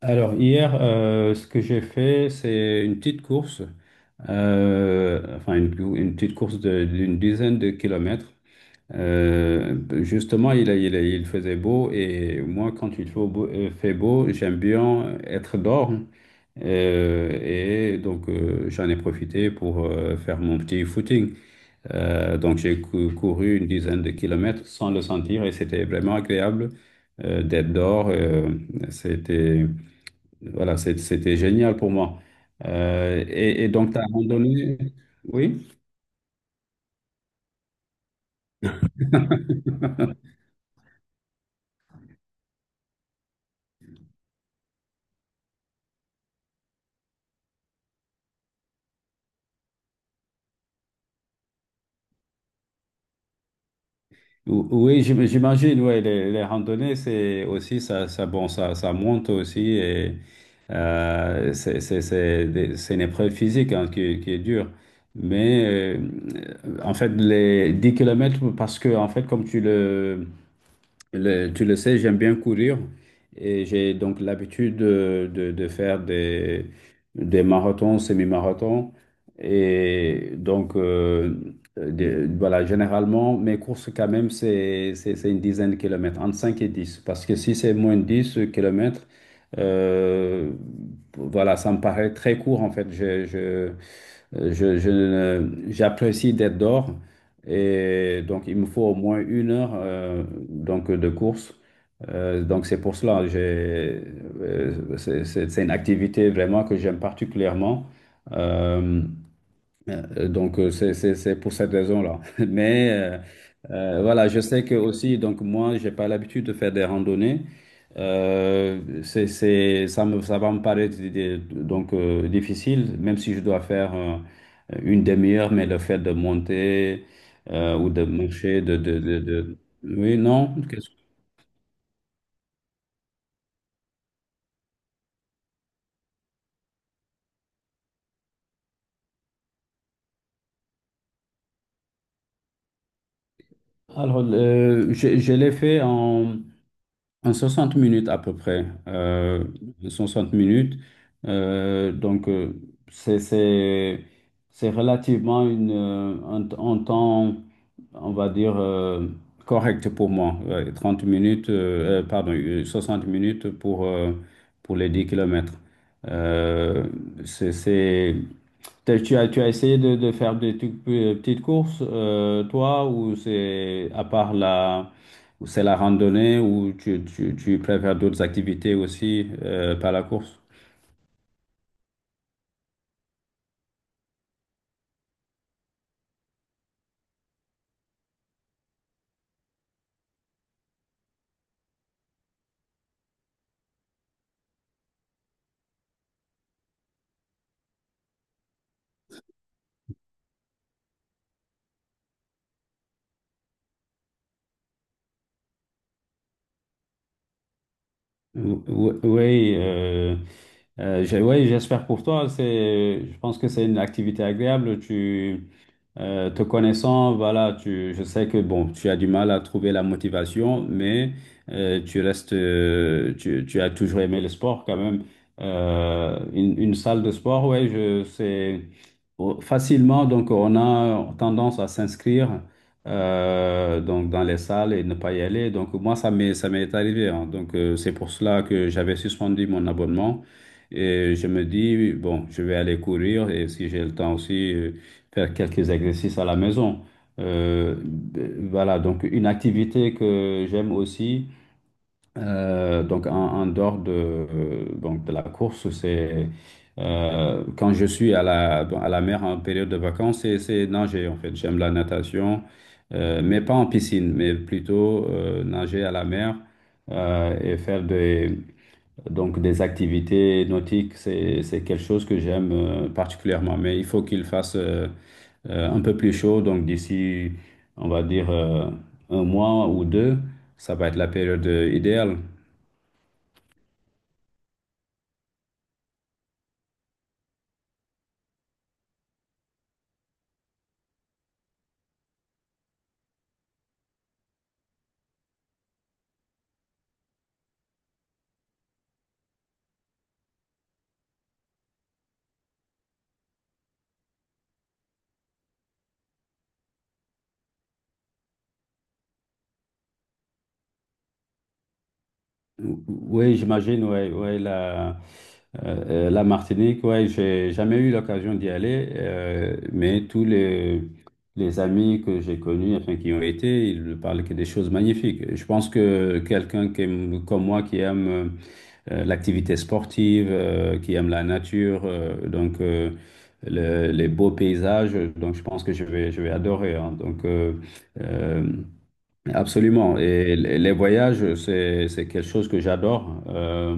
Alors, hier, ce que j'ai fait, c'est une petite course, enfin une petite course d'une dizaine de kilomètres. Euh, Justement, il faisait beau et moi, quand il fait beau, j'aime bien être dehors. Et donc, j'en ai profité pour faire mon petit footing. Donc, j'ai couru une dizaine de kilomètres sans le sentir et c'était vraiment agréable d'être dehors. C'était. Voilà, c'était génial pour moi. Et donc, tu as randonné? Oui? Oui, j'imagine, ouais, les randonnées, c'est aussi, bon, ça monte aussi et c'est une épreuve physique, hein, qui est dure. Mais euh, en fait, les 10 kilomètres parce que, en fait, comme tu le- tu le sais, j'aime bien courir et j'ai donc l'habitude de faire des marathons, semi-marathons. Et donc, voilà, généralement, mes courses quand même, c'est une dizaine de kilomètres, entre 5 et dix. Parce que si c'est moins de 10 kilomètres, euh, voilà, ça me paraît très court en fait. Je ne- J'apprécie d'être dehors et donc il me faut au moins 1 heure donc de course. Donc c'est pour cela, c'est une activité vraiment que j'aime particulièrement. Euh, Donc, c'est pour cette raison-là. Mais voilà, je sais que aussi, donc moi, j'ai pas l'habitude de faire des randonnées. Ça va me paraître donc difficile, même si je dois faire une demi-heure, mais le fait de monter ou de marcher, Oui, non. qu'est-ce Alors, je l'ai fait en 60 minutes à peu près. 60 minutes. Donc, c'est, c'est, c'est relativement un temps, on va dire, correct pour moi. Ouais, 30 minutes, pardon, 60 minutes pour les 10 kilomètres. Euh, c'est, c'est- Tu as essayé de faire petites courses, toi, ou c'est la randonnée, ou tu préfères d'autres activités aussi, par la course? Oui, ouais, j'espère pour toi. Je pense que c'est une activité agréable. Te connaissant, voilà, je sais que bon, tu as du mal à trouver la motivation, mais tu as toujours aimé le sport quand même. Une salle de sport, ouais, c'est oh, facilement. Donc, on a tendance à s'inscrire donc dans les salles et ne pas y aller. Donc moi, ça m'est arrivé, hein. Donc c'est pour cela que j'avais suspendu mon abonnement et je me dis, bon, je vais aller courir et si j'ai le temps aussi, faire quelques exercices à la maison. Ben, voilà, donc une activité que j'aime aussi. Donc, en dehors de, donc de la course, c'est quand je suis à la mer en période de vacances, c'est nager en fait. J'aime la natation, mais pas en piscine, mais plutôt nager à la mer, et faire donc des activités nautiques. C'est quelque chose que j'aime particulièrement, mais il faut qu'il fasse un peu plus chaud. Donc, d'ici, on va dire un mois ou deux, ça va être la période idéale. Oui, j'imagine, ouais, ouais, la Martinique, ouais, j'ai jamais eu l'occasion d'y aller, mais tous les amis que j'ai connus, enfin, qui ont été, ils ne parlent que des choses magnifiques. Je pense que quelqu'un comme moi, qui aime l'activité sportive, qui aime la nature, les beaux paysages, donc je pense que je vais adorer, hein. Euh, Absolument. Et les voyages, c'est quelque chose que j'adore. Euh,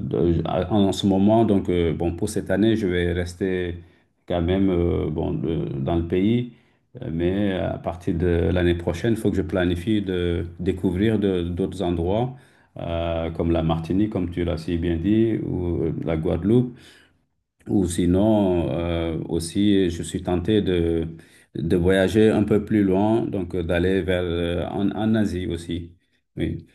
de- en En ce moment, donc, bon, pour cette année, je vais rester quand même bon, dans le pays. Mais à partir de l'année prochaine, il faut que je planifie de découvrir d'autres endroits, comme la Martinique, comme tu l'as si bien dit, ou la Guadeloupe. Ou sinon, aussi, je suis tenté de voyager un peu plus loin, donc d'aller vers en Asie aussi. Oui.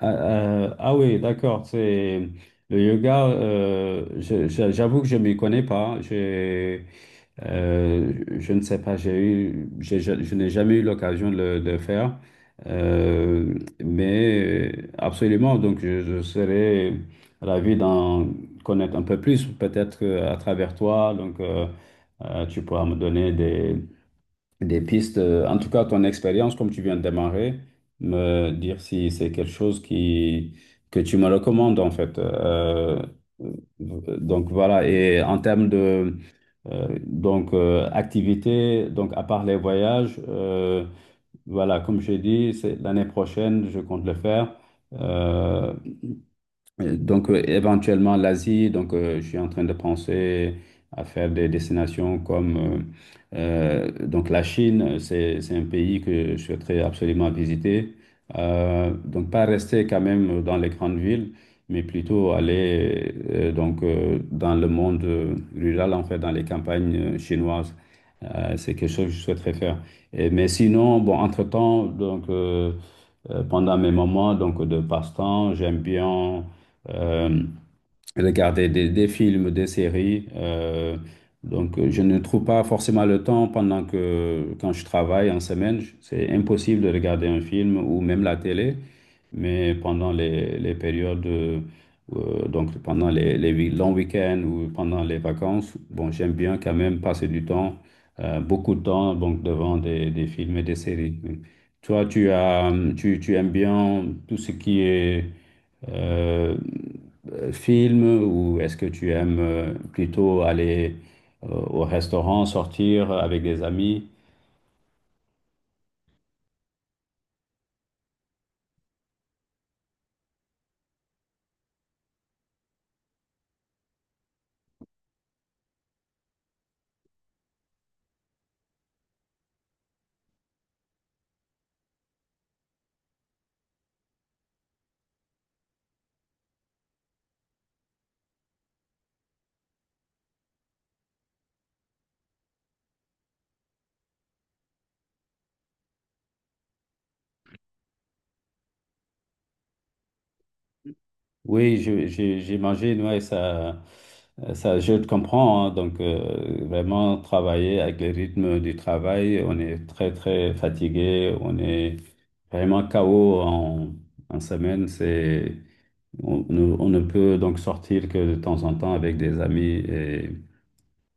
Ah, ah oui, d'accord. C'est le yoga. J'avoue que je m'y connais pas, hein. Euh, je ne sais pas. J'ai eu, j'ai- Je n'ai jamais eu l'occasion de le de faire. Euh, mais absolument. Donc, je serais ravi d'en connaître un peu plus, peut-être que à travers toi. Donc, tu pourras me donner des pistes. En tout cas, ton expérience, comme tu viens de démarrer, me dire si c'est quelque chose que tu me recommandes, en fait. Donc, voilà. Et en termes de donc, activité, donc, à part les voyages, voilà, comme j'ai dit, c'est l'année prochaine, je compte le faire. Euh, Donc, éventuellement l'Asie. Donc, je suis en train de penser à faire des destinations comme donc la Chine. C'est un pays que je souhaiterais absolument visiter. Donc, pas rester quand même dans les grandes villes, mais plutôt aller donc dans le monde rural, en fait, dans les campagnes chinoises. C'est quelque chose que je souhaiterais faire. Mais sinon, bon, entre-temps, donc pendant mes moments donc de passe-temps, j'aime bien euh, regarder des films, des séries. Donc, je ne trouve pas forcément le temps quand je travaille en semaine, c'est impossible de regarder un film ou même la télé. Mais pendant les périodes, donc pendant longs week-ends ou pendant les vacances, bon, j'aime bien quand même passer du temps, beaucoup de temps, donc devant des films et des séries. Oui. Toi, tu aimes bien tout ce qui est euh, film ou est-ce que tu aimes plutôt aller au restaurant, sortir avec des amis? Oui, j'imagine, ouais, je te comprends, hein. Donc, vraiment, travailler avec les rythmes du travail, on est très, très fatigué, on est vraiment KO en semaine. C'est, on, ne On ne peut donc sortir que de temps en temps avec des amis et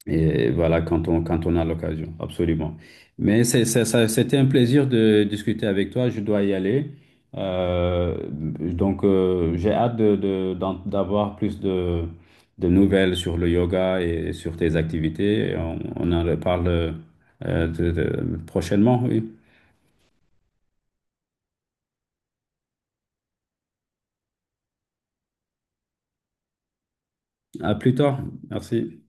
Et voilà, quand on a l'occasion, absolument. Mais c'était un plaisir de discuter avec toi. Je dois y aller. Donc, j'ai hâte d'avoir plus de nouvelles sur le yoga et sur tes activités. Et on en reparle prochainement, oui. À plus tard. Merci.